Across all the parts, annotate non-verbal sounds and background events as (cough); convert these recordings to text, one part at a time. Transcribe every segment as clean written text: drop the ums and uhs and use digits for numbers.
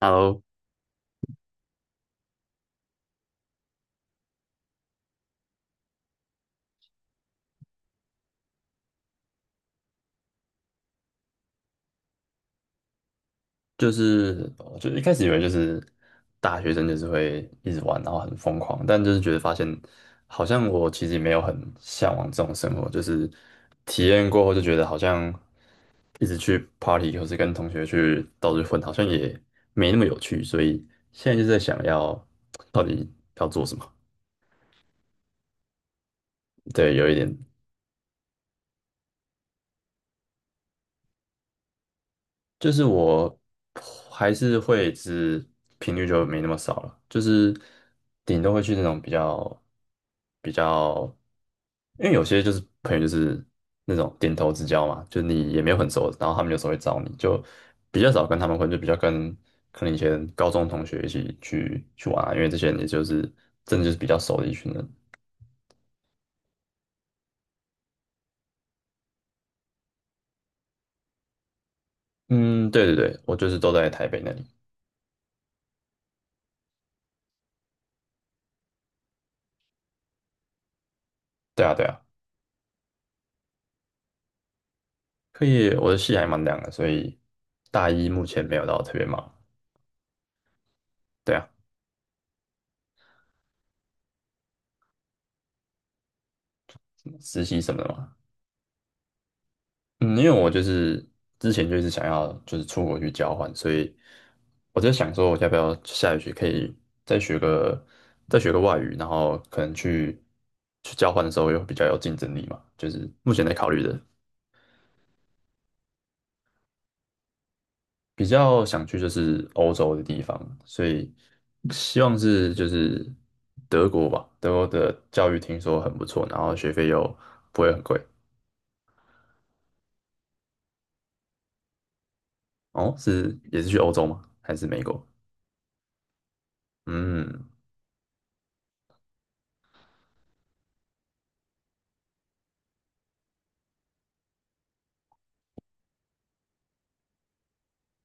Hello，就是我就一开始以为就是大学生就是会一直玩，然后很疯狂，但就是觉得发现好像我其实也没有很向往这种生活，就是体验过后就觉得好像一直去 party 或是跟同学去到处混，好像也没那么有趣，所以现在就在想要到底要做什么。对，有一点，就是我还是会只是频率就没那么少了，就是顶多会去那种比较比较，因为有些就是朋友就是那种点头之交嘛，就你也没有很熟，然后他们有时候会找你，就比较少跟他们混，就比较跟可能以前高中同学一起去玩啊，因为这些人也就是真的就是比较熟的一群人。嗯，对对对，我就是都在台北那里。对啊对啊，可以，我的戏还蛮凉的，所以大一目前没有到特别忙。对啊，实习什么的嘛。嗯，因为我就是之前就一直想要就是出国去交换，所以我在想说，我要不要下学期可以再学个再学个外语，然后可能去交换的时候又比较有竞争力嘛。就是目前在考虑的，比较想去就是欧洲的地方，所以希望是就是德国吧。德国的教育听说很不错，然后学费又不会很贵。哦，是也是去欧洲吗？还是美国？嗯。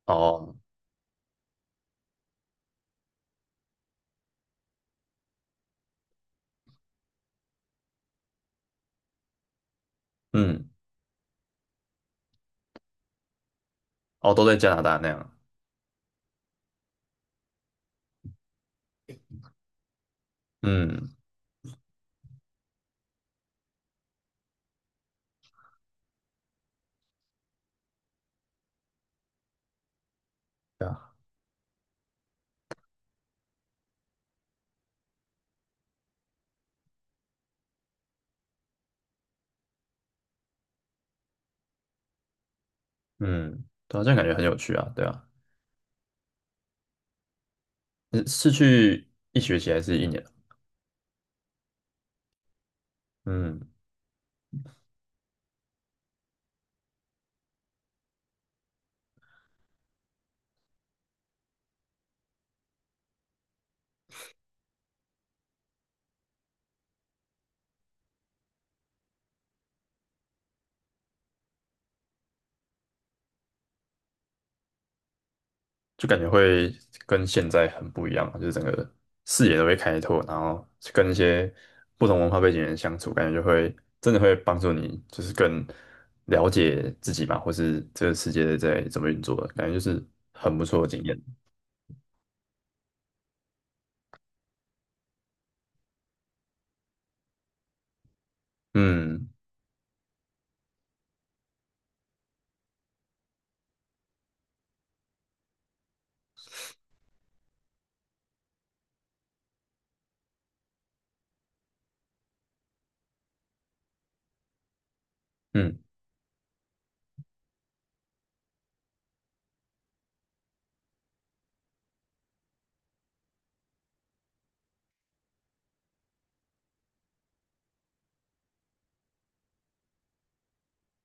哦，嗯，哦，都在加拿大那样，嗯对啊，嗯，对啊，这样感觉很有趣啊，对啊，你是去一学期还是一年啊？嗯，就感觉会跟现在很不一样啊就是整个视野都会开拓，然后跟一些不同文化背景的人相处，感觉就会真的会帮助你，就是更了解自己嘛，或是这个世界在怎么运作的，感觉就是很不错的经验。嗯嗯。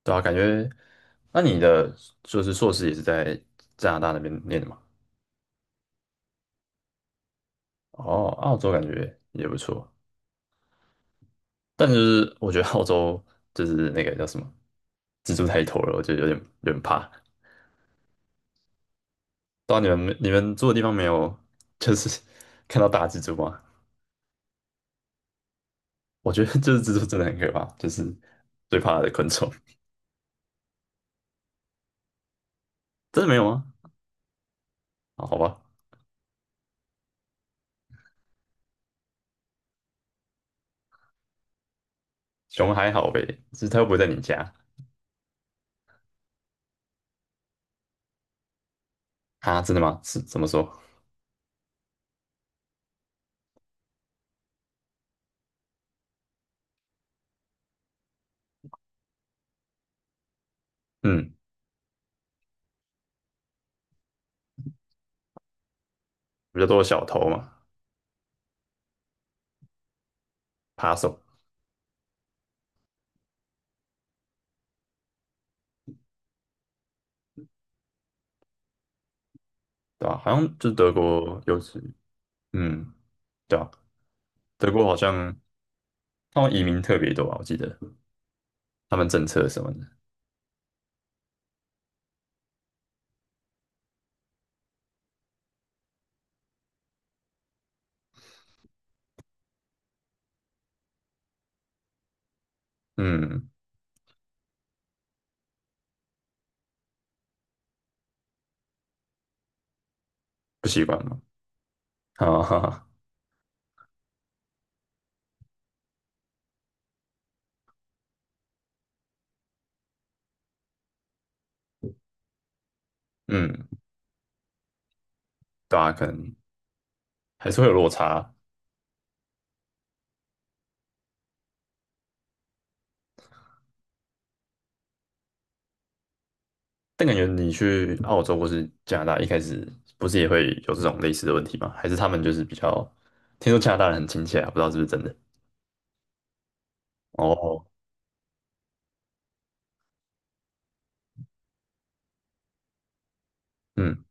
对啊，感觉，那你的就是硕士也是在加拿大那边念的嘛？哦，澳洲感觉也不错，但就是我觉得澳洲就是那个叫什么，蜘蛛太多了，我觉得有点怕。到你们住的地方没有，就是 (laughs) 看到大蜘蛛吗？我觉得就是蜘蛛真的很可怕，就是最怕的昆虫。真的没有吗？啊，好吧，熊还好呗，就是它又不会在你家啊？真的吗？是怎么说？嗯，比较多小偷嘛，扒手。对吧？好像就是德国尤其，嗯，对啊，德国好像他们移民特别多啊，我记得他们政策什么的，嗯，不习惯嘛，啊，哈哈，嗯，对啊，可能还是会有落差，但感觉你去澳洲或是加拿大，一开始不是也会有这种类似的问题吗？还是他们就是比较，听说加拿大人很亲切啊，不知道是不是真的？哦，嗯，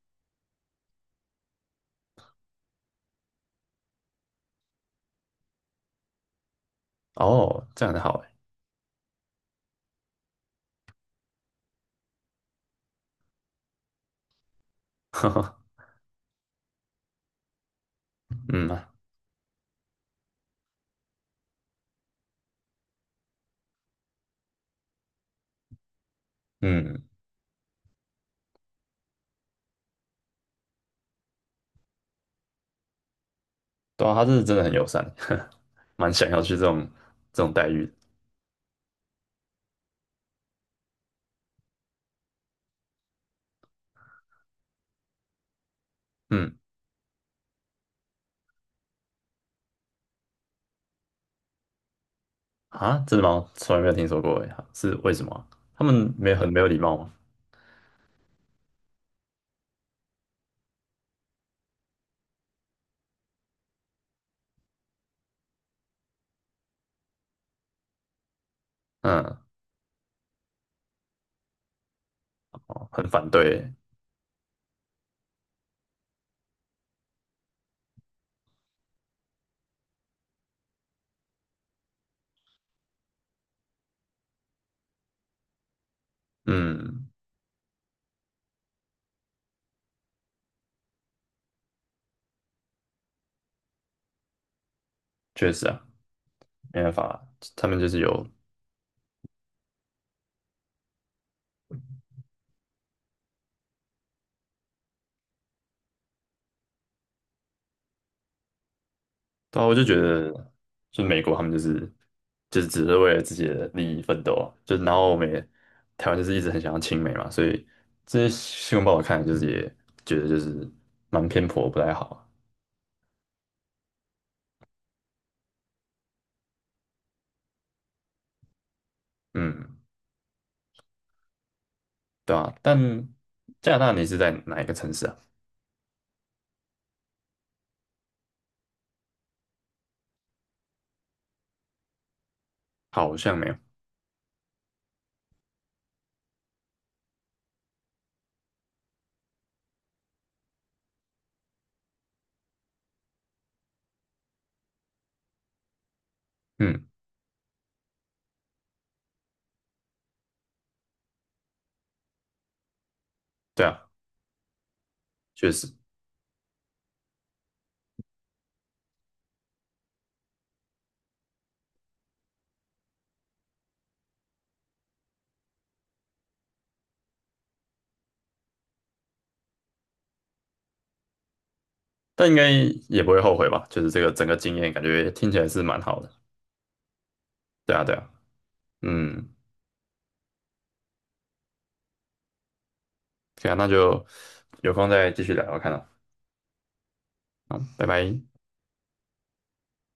哦，这样很好哎，(laughs) 哈哈，嗯啊嗯，对啊，他是真的很友善，(laughs) 蛮想要去这种这种待遇的嗯，啊，真的吗？从来没有听说过诶，是为什么啊他们没有很没有礼貌吗？嗯，哦很反对欸嗯，确实啊，没办法，他们就是有，对啊，我就觉得，就美国他们就是就是只是为了自己的利益奋斗啊，就然后我们也台湾就是一直很想要亲美嘛，所以这些新闻报道看来就是也觉得就是蛮偏颇，不太好啊嗯，对啊，但加拿大你是在哪一个城市啊？好像没有。嗯，对啊，确实。但应该也不会后悔吧？就是这个整个经验，感觉听起来是蛮好的。对啊，对啊，嗯，可以啊，那就有空再继续聊聊看啊。嗯，拜拜。